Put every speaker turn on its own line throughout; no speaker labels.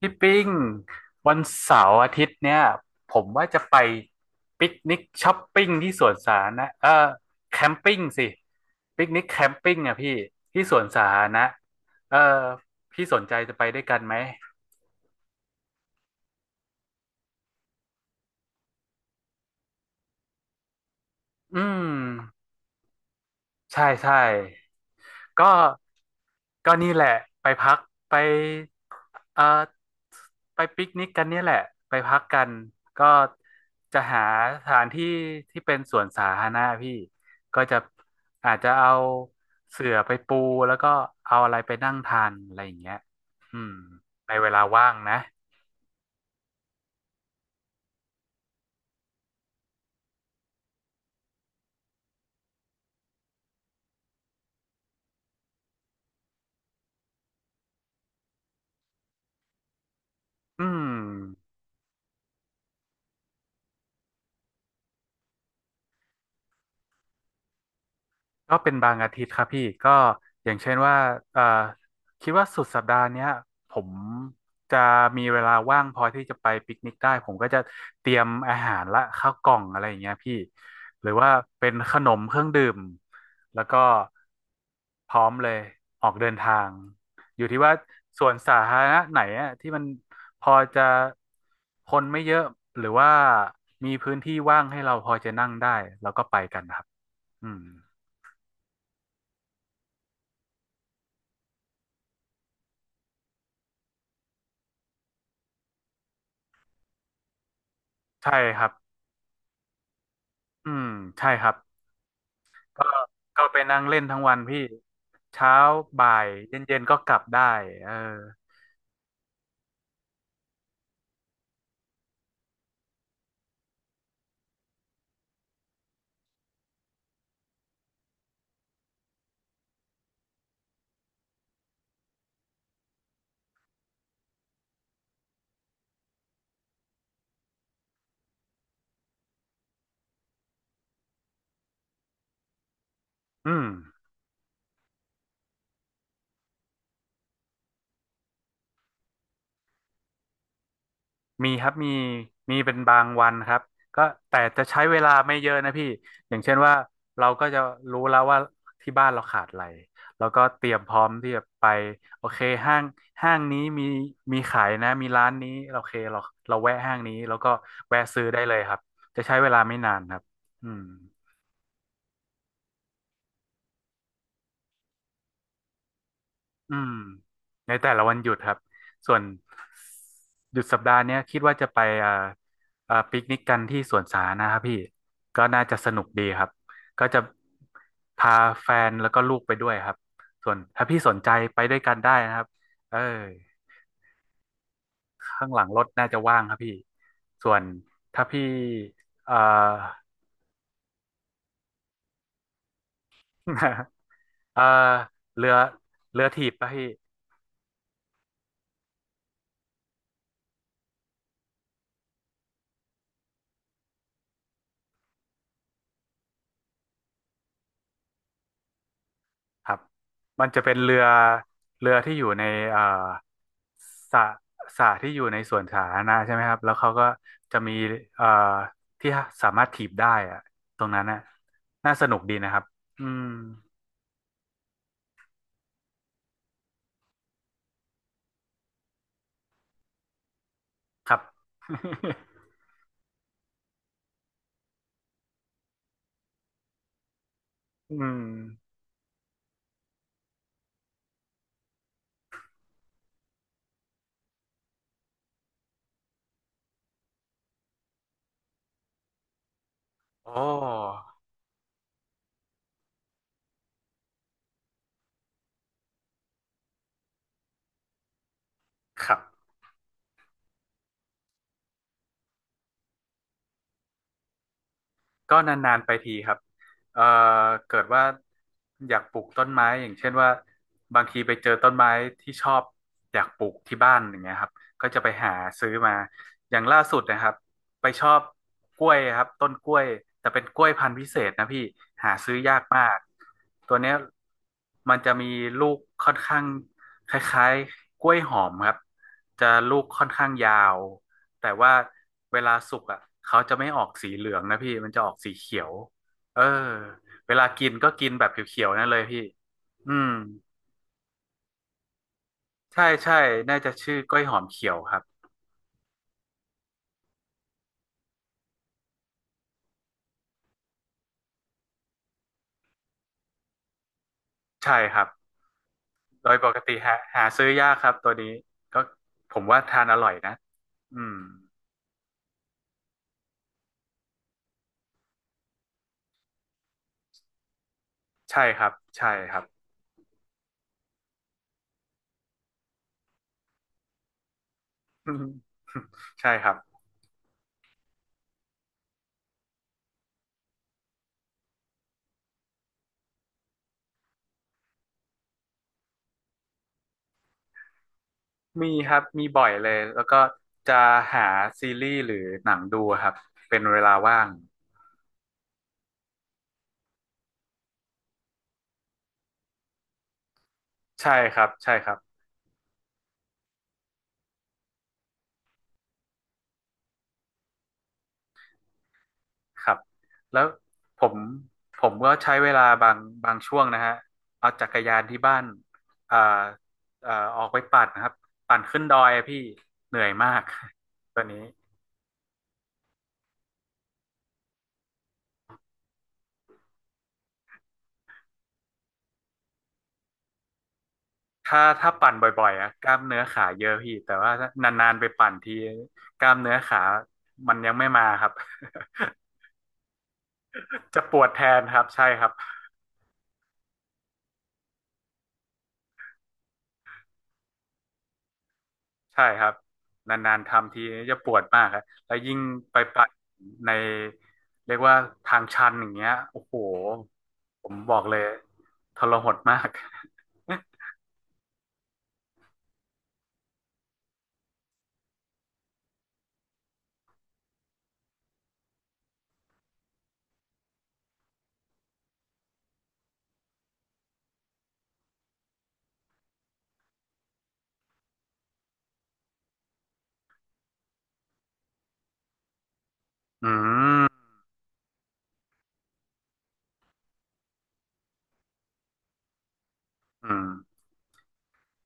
พี่ปิ้งวันเสาร์อาทิตย์เนี่ยผมว่าจะไปปิกนิกช้อปปิ้งที่สวนสาธารณะแคมปิ้งสิปิกนิกแคมปิ้งอ่ะพี่ที่สวนสาธารณะเออพี่สนใจจะไปด้วยกันไหมอืมใช่ใช่ก็ ก็นี่แหละไปพักไปเอ่อไปปิกนิกกันเนี่ยแหละไปพักกันก็จะหาสถานที่ที่เป็นสวนสาธารณะพี่ก็จะอาจจะเอาเสื่อไปปูแล้วก็เอาอะไรไปนั่งทานอะไรอย่างเงี้ยอืมในเวลาว่างนะอืม ก็เป็นบางอาทิตย์ครับพี่ก็อย่างเช่นว่าเอ่อคิดว่าสุดสัปดาห์เนี้ยผมจะมีเวลาว่างพอที่จะไปปิกนิกได้ผมก็จะเตรียมอาหารและข้าวกล่องอะไรอย่างเงี้ยพี่หรือว่าเป็นขนมเครื่องดื่มแล้วก็พร้อมเลยออกเดินทางอยู่ที่ว่าสวนสาธารณะไหนอะที่มันพอจะคนไม่เยอะหรือว่ามีพื้นที่ว่างให้เราพอจะนั่งได้แล้วก็ไปกันครับอืมใช่ครับ อืมใช่ครับก็ก็ไปนั่งเล่นทั้งวันพี่เช้าบ่ายเย็นๆก็กลับได้เอออืมมีครับมีมีเป็นบางวันครับก็แต่จะใช้เวลาไม่เยอะนะพี่อย่างเช่นว่าเราก็จะรู้แล้วว่าที่บ้านเราขาดอะไรแล้วก็เตรียมพร้อมที่จะไปโอเคห้างห้างนี้มีมีขายนะมีร้านนี้โอเคเราเราแวะห้างนี้แล้วก็แวะซื้อได้เลยครับจะใช้เวลาไม่นานครับอืม อืมในแต่ละวันหยุดครับส่วนหยุดสัปดาห์เนี้ยคิดว่าจะไปปิกนิกกันที่สวนสาธารณะครับพี่ก็น่าจะสนุกดีครับก็จะพาแฟนแล้วก็ลูกไปด้วยครับส่วนถ้าพี่สนใจไปด้วยกันได้นะครับเออข้างหลังรถน่าจะว่างครับพี่ส่วนถ้าพี่เอ่อ เอ่อเรือเรือถีบป่ะพี่ ครับมันจะเป็นเรือเรือที่อยู่ในเอ่อสระสระที่อยู่ในสวนสาธารณะใช่ไหมครับแล้วเขาก็จะมีเอ่อที่สามารถถีบได้อะตรงนั้นน่ะน่าสนุกดีนะครับอืมครับ อืมโอ้ครับ ก็นานๆไปทีครับเอ่อเกิดว่าอยากปลูกต้นไม้อย่างเช่นว่าบางทีไปเจอต้นไม้ที่ชอบอยากปลูกที่บ้านอย่างเงี้ยครับก็จะไปหาซื้อมาอย่างล่าสุดนะครับไปชอบกล้วยครับต้นกล้วยแต่เป็นกล้วยพันธุ์พิเศษนะพี่หาซื้อยากมากตัวเนี้ยมันจะมีลูกค่อนข้างคล้ายๆกล้วยหอมครับจะลูกค่อนข้างยาว แต่ว่าเวลาสุกอ่ะเขาจะไม่ออกสีเหลืองนะพี่มันจะออกสีเขียว เออเวลากินก็กินแบบเขียวๆนั่นเลยพี่อืมใช่ใช่น่าจะชื่อกล้วยหอมเขียวครับใช่ครับโดยปกติหาหาซื้อยากครับตัวนี้ก็ผมว่าทานอร่อยนะอืมใช่ครับใช่ครับ อืมใช่ครับมีครับมีบ่อยเลยแล้วก็จะหาซีรีส์หรือหนังดูครับเป็นเวลาว่างใช่ครับใช่ครับ ครับแล้วผมผมก็ใช้เวลาบางช่วงนะฮะเอาจักรยานที่บ้านอ่าออกไปปั่นนะครับปั่นขึ้นดอยอะพี่เหนื่อยมาก ตัวนี้ถ้าปั่นบ่อยๆอะกล้ามเนื้อขาเยอะพี่แต่ว่าถ้านานๆไปปั่นทีกล้ามเนื้อขามันยังไม่มาครับ จะปวดแทนครับใช่ครับ ใช่ครับนานๆทำทีจะปวดมากครับแล้วยิ่งไปปัดในเรียกว่าทางชันอย่างเงี้ยโอ้โหผมบอกเลยทรหดมาก อืมอืม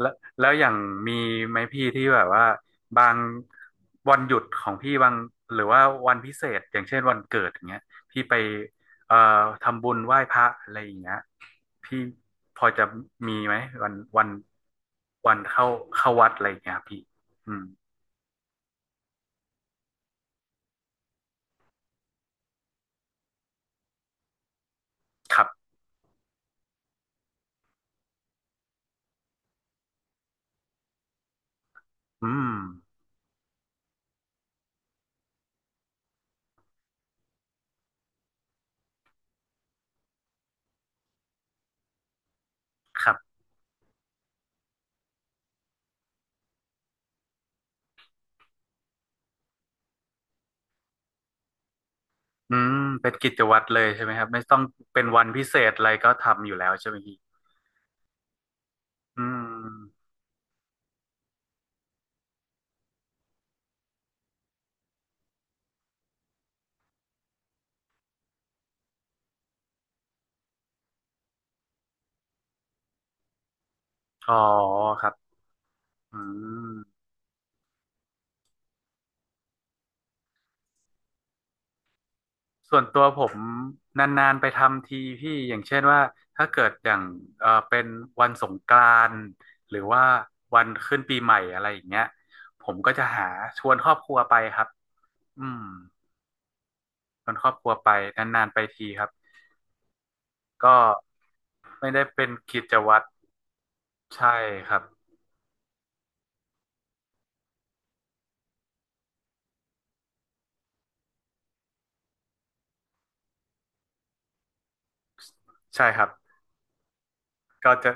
แล้วแล้วอย่างมีไหมพี่ที่แบบว่าบางวันหยุดของพี่บางหรือว่าวันพิเศษอย่างเช่นวันเกิดอย่างเงี้ยพี่ไปเอ่อทำบุญไหว้พระอะไรอย่างเงี้ยพี่พอจะมีไหมวันวันวันเข้าเข้าวัดอะไรอย่างเงี้ยพี่อืมครับอืมครับอืมเป็นกิจวัตรเลยใช่ไหมครับไม่ต้องเป็นวันพิเศษอะไรก็ทำอยู่แล้วใช่ไหมพี่อืมอ๋อครับอืม ส่วนตัวผมนานๆไปทำทีพี่อย่างเช่นว่าถ้าเกิดอย่างเออเป็นวันสงกรานต์หรือว่าวันขึ้นปีใหม่อะไรอย่างเงี้ยผมก็จะหาชวนครอบครัวไปครับอืมชวนครอบครัวไปนานๆไปทีครับก็ไม่ได้เป็นกิจวัตรใช่ครับใช่ครับก็จะ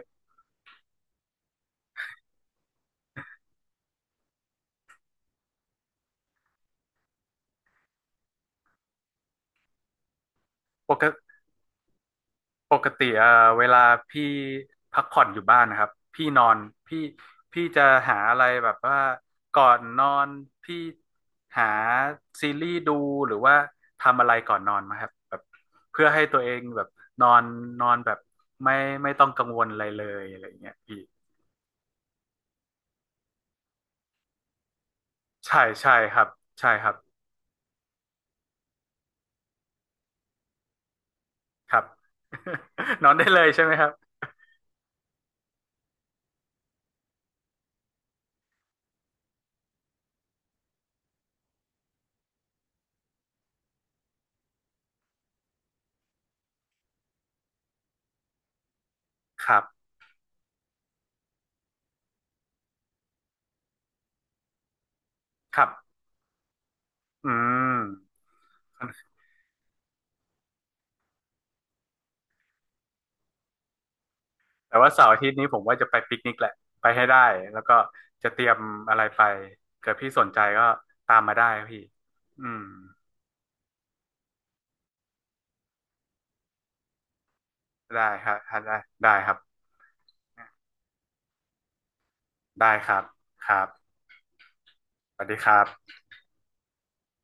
ปก ปกติเวลาพี่พักผ่อนอยู่บ้านนะครับพี่นอนพี่พี่จะหาอะไรแบบว่าก่อนนอนพี่หาซีรีส์ดูหรือว่าทำอะไรก่อนนอนไหมครับแบบเพื่อให้ตัวเองแบบนอนนอนแบบไม่ไม่ต้องกังวลอะไรเลยอะไรอย่างเงี้ยพี่ใช่ใช่ครับใช่ครับครับ นอนได้เลยใช่ไหมครับครับครับอืม แต่ว่าเสาร์อาทิตย์นี้ผมว่าจะไปปิกนิกแหละไปให้ได้แล้วก็จะเตรียมอะไรไปเกิดพี่สนใจก็ตามมาได้ครับพี่อืมได้ครับได้ได้ครับได้ครับครับสวัสดีครับ